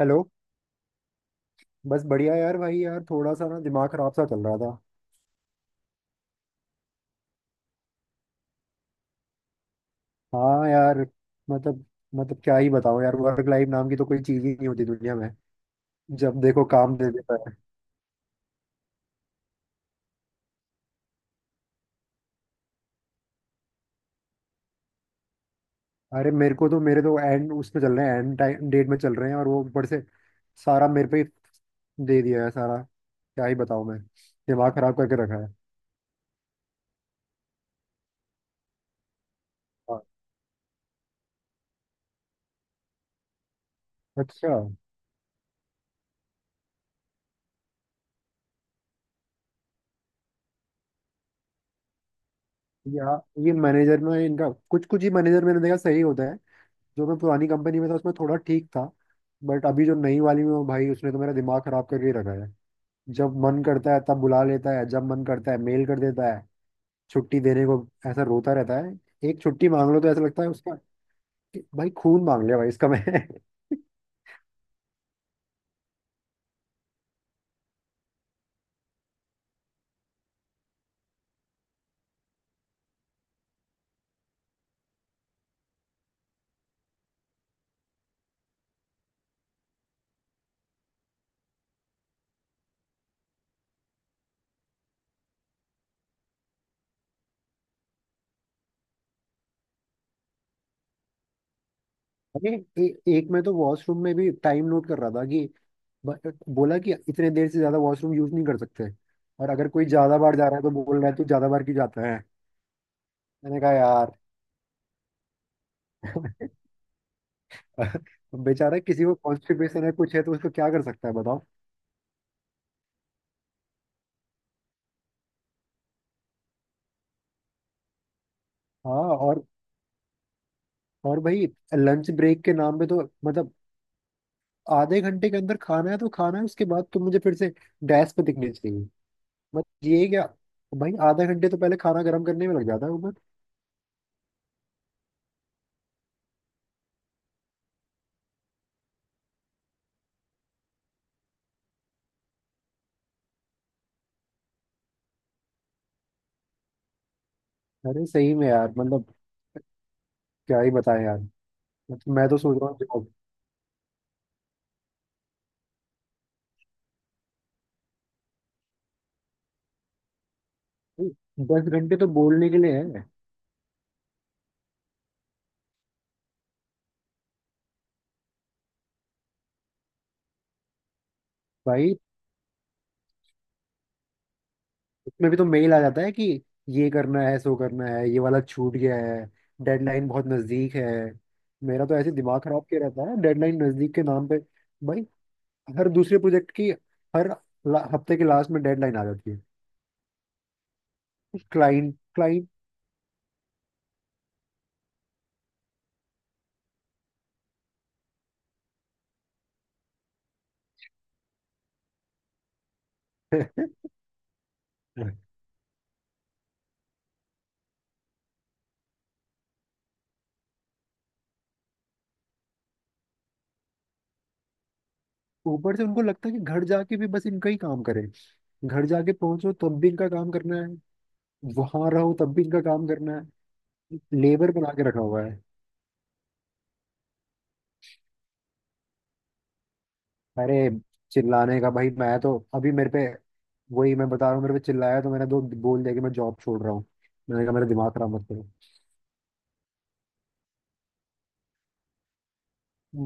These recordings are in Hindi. हेलो। बस बढ़िया यार। भाई यार थोड़ा सा ना दिमाग खराब सा चल रहा था। हाँ यार। मतलब मतलब क्या ही बताऊँ यार। वर्क लाइफ नाम की तो कोई चीज ही नहीं होती दुनिया में। जब देखो काम दे देता है। अरे मेरे तो एंड उसमें चल रहे हैं एंड टाइम डेट में चल रहे हैं और वो ऊपर से सारा मेरे पे ही दे दिया है सारा। क्या ही बताऊँ मैं। दिमाग खराब करके रखा है। हाँ। अच्छा। या ये मैनेजर में इनका कुछ कुछ ही मैनेजर मैंने देखा सही होता है। जो मैं पुरानी कंपनी में था उसमें थोड़ा ठीक था। बट अभी जो नई वाली में हूँ भाई उसने तो मेरा दिमाग खराब करके ही रखा है। जब मन करता है तब बुला लेता है। जब मन करता है मेल कर देता है। छुट्टी देने को ऐसा रोता रहता है। एक छुट्टी मांग लो तो ऐसा लगता है उसका कि भाई खून मांग लिया भाई इसका मैं। अरे एक मैं तो वॉशरूम में भी टाइम नोट कर रहा था कि बोला कि इतने देर से ज्यादा वॉशरूम यूज नहीं कर सकते। और अगर कोई ज्यादा बार जा रहा है तो बोल रहा है तू ज्यादा बार क्यों जाता है। मैंने कहा यार। बेचारा किसी को कॉन्स्टिपेशन है कुछ है तो उसको क्या कर सकता है बताओ। हाँ। और भाई लंच ब्रेक के नाम पे तो मतलब आधे घंटे के अंदर खाना है तो खाना है। उसके बाद तुम मुझे फिर से डैश पे दिखनी चाहिए। बस ये क्या। भाई आधा घंटे तो पहले खाना गर्म करने में लग जाता है ऊपर। अरे सही में यार मतलब क्या ही बताएं यार। मतलब मैं तो सोच रहा हूँ जॉब। 10 घंटे तो बोलने के लिए है। भाई उसमें भी तो मेल आ जाता है कि ये करना है सो करना है ये वाला छूट गया है। डेडलाइन बहुत नजदीक है। मेरा तो ऐसे दिमाग खराब किया रहता है डेडलाइन नजदीक के नाम पे। भाई हर दूसरे प्रोजेक्ट की हर हफ्ते के लास्ट में डेडलाइन आ जाती है। Client client. ऊपर से उनको लगता है कि घर जाके भी बस इनका ही काम करें। घर जाके पहुंचो तब भी इनका काम करना है। वहां रहो तब भी इनका काम करना है। लेबर बना के रखा हुआ है। अरे चिल्लाने का भाई। मैं तो अभी मेरे पे वही मैं बता रहा हूँ। मेरे पे चिल्लाया तो मैंने दो बोल दिया कि मैं जॉब छोड़ रहा हूँ। मैंने कहा मेरा दिमाग खराब मत करो।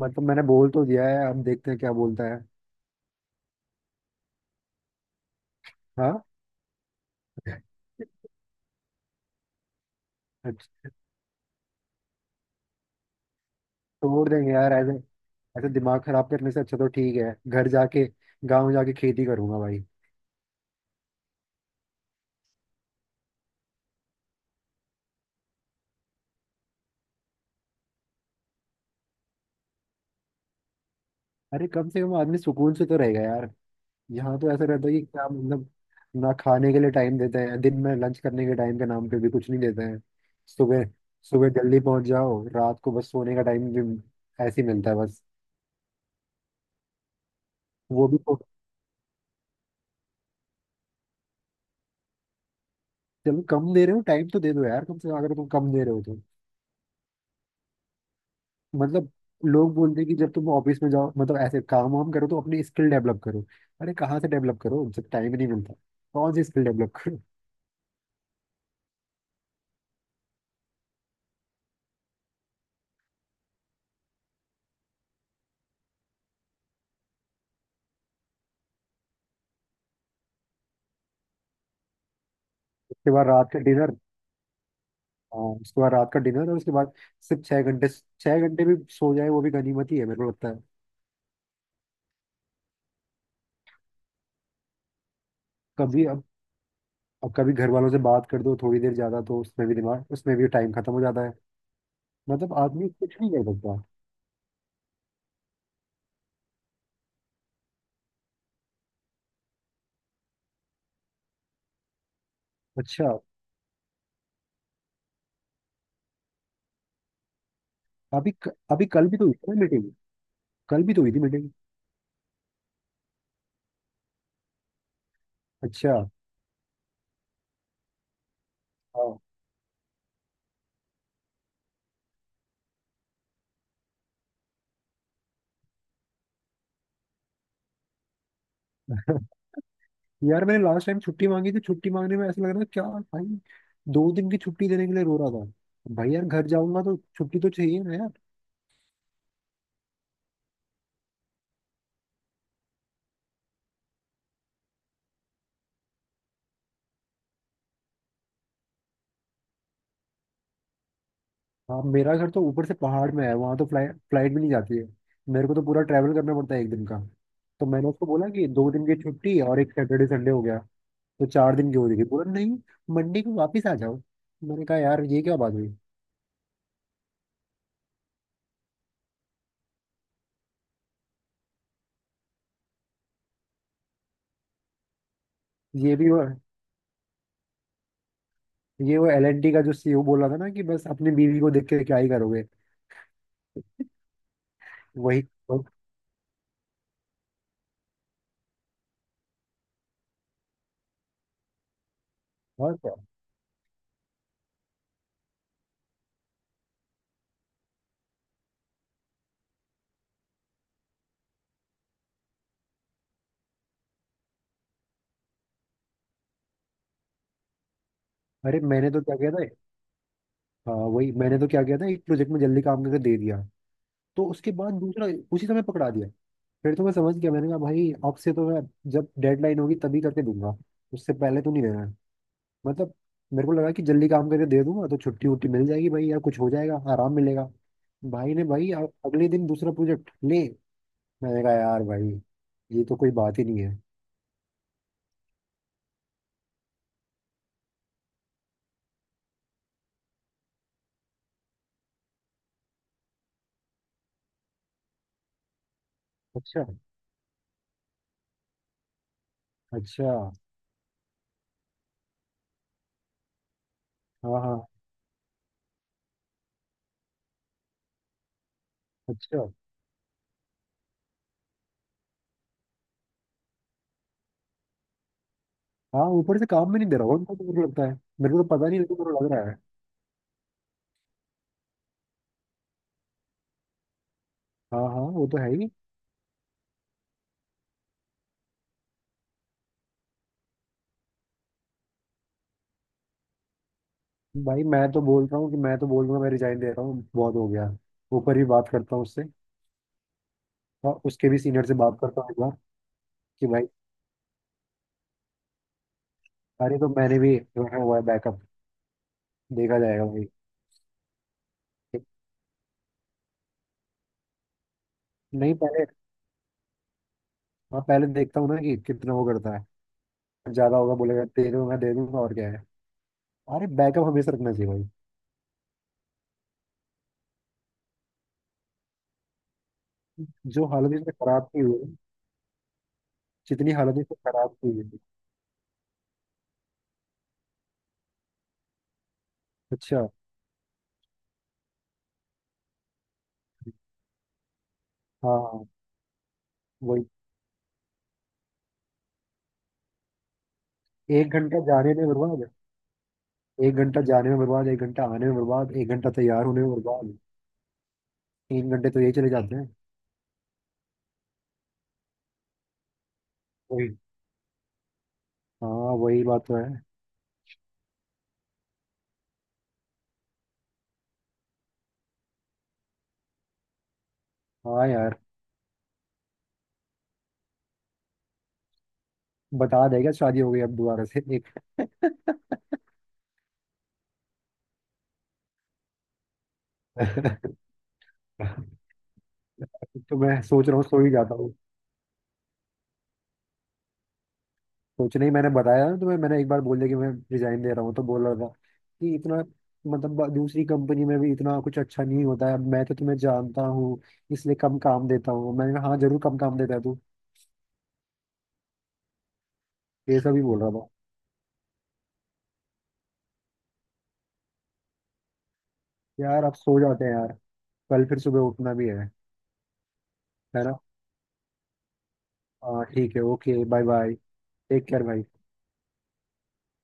मतलब मैंने बोल तो दिया है अब देखते हैं क्या बोलता है। हाँ। अच्छा। छोड़ देंगे यार ऐसे। ऐसे दिमाग खराब करने से अच्छा तो ठीक है घर जाके गांव जाके खेती करूंगा भाई। अरे कम से कम आदमी सुकून से तो रहेगा यार। यहाँ तो ऐसा रहता है कि क्या मतलब। ना खाने के लिए टाइम देते हैं दिन में लंच करने के टाइम के नाम पे भी कुछ नहीं देते हैं। सुबह सुबह जल्दी पहुंच जाओ रात को बस सोने का टाइम भी ऐसे ही मिलता है बस। वो भी तो। चलो कम दे रहे हो टाइम तो दे दो यार कम से कम अगर तुम कम दे रहे हो तो। मतलब लोग बोलते हैं कि जब तुम ऑफिस में जाओ मतलब ऐसे काम वाम करो तो अपनी स्किल डेवलप करो। अरे कहाँ से डेवलप करो जब टाइम ही नहीं मिलता। कौन सी स्किल डेवलप करो। उसके बाद रात का डिनर। हाँ उसके बाद रात का डिनर और उसके बाद सिर्फ 6 घंटे। 6 घंटे भी सो जाए वो भी गनीमत ही है मेरे को लगता है। कभी अब। कभी घर वालों से बात कर दो थोड़ी देर ज्यादा तो उसमें भी टाइम खत्म हो जाता है। मतलब आदमी कुछ नहीं कर सकता। अच्छा। अभी कल भी तो हुई थी ना मीटिंग। कल भी तो हुई थी मीटिंग। अच्छा। हाँ। यार मैंने लास्ट टाइम छुट्टी मांगी थी। छुट्टी मांगने में ऐसा लग रहा था क्या भाई। 2 दिन की छुट्टी देने के लिए रो रहा था भाई। यार घर जाऊंगा तो छुट्टी तो चाहिए ना। हाँ मेरा घर तो ऊपर से पहाड़ में है। वहाँ तो फ्लाइट फ्लाइट भी नहीं जाती है। मेरे को तो पूरा ट्रैवल करना पड़ता है एक दिन का। तो मैंने उसको बोला कि 2 दिन की छुट्टी और एक सैटरडे संडे हो गया। तो 4 दिन की हो जाएगी बोला नहीं। मंडे को वापस आ जाओ। मैंने कहा यार ये क्या बात हुई। ये भी वो ये वो L&T का जो CEO बोल रहा था ना कि बस अपनी बीवी को देख के क्या ही करोगे। वही। और क्या। अरे मैंने तो क्या किया था। हाँ वही मैंने तो क्या किया था। एक प्रोजेक्ट में जल्दी काम करके दे दिया। तो उसके बाद दूसरा उसी समय पकड़ा दिया। फिर तो मैं समझ गया। मैंने कहा भाई अब से तो मैं जब डेडलाइन होगी तभी करके दूंगा। उससे पहले तो नहीं देना है। मतलब मेरे को लगा कि जल्दी काम करके दे दूंगा तो छुट्टी उट्टी मिल जाएगी भाई या कुछ हो जाएगा आराम मिलेगा। भाई अगले दिन दूसरा प्रोजेक्ट ले। मैंने कहा यार भाई ये तो कोई बात ही नहीं है। अच्छा। अच्छा। हाँ हाँ। अच्छा। हाँ। ऊपर से काम भी नहीं दे रहा होगा उनको तो मेरे को लगता है। मेरे को तो पता नहीं लगा। मेरे को तो लग रहा है। हाँ हाँ, वो तो है ही। भाई मैं तो बोल रहा हूँ मैं रिजाइन दे रहा हूँ बहुत हो गया। ऊपर भी बात करता हूँ उससे। और उसके भी सीनियर से बात करता हूँ एक बार। कि भाई। अरे तो मैंने भी रखा हुआ है बैकअप। देखा जाएगा भाई। नहीं पहले। हाँ पहले देखता हूँ ना कि कितना वो करता है। ज्यादा होगा बोलेगा दे दूंगा और क्या है। अरे बैकअप हमेशा रखना चाहिए भाई। जो हालत इसमें खराब की हुई है। जितनी हालत इसमें खराब की हुई है। अच्छा। हाँ हाँ। वही। एक घंटा जाने में बर्बाद एक घंटा जाने में बर्बाद एक घंटा आने में बर्बाद एक घंटा तैयार होने में बर्बाद। 3 घंटे तो यही चले जाते हैं। वही। हाँ। वही बात तो है। हाँ यार। बता देगा शादी हो गई अब दोबारा से एक। तो मैं सोच रहा हूँ सो ही जाता हूँ। सोचने ही मैंने बताया ना तुम्हें। मैंने एक बार बोल दिया कि मैं रिजाइन दे रहा हूँ तो बोल रहा था कि इतना मतलब दूसरी कंपनी में भी इतना कुछ अच्छा नहीं होता है। अब मैं तो तुम्हें जानता हूँ इसलिए कम काम देता हूँ। मैंने कहा हाँ जरूर कम काम देता है तू। ये सब ही बोल रहा था। यार अब सो जाते हैं यार। कल फिर सुबह उठना भी है। है ना। हाँ ठीक है। Okay bye bye. Take care भाई।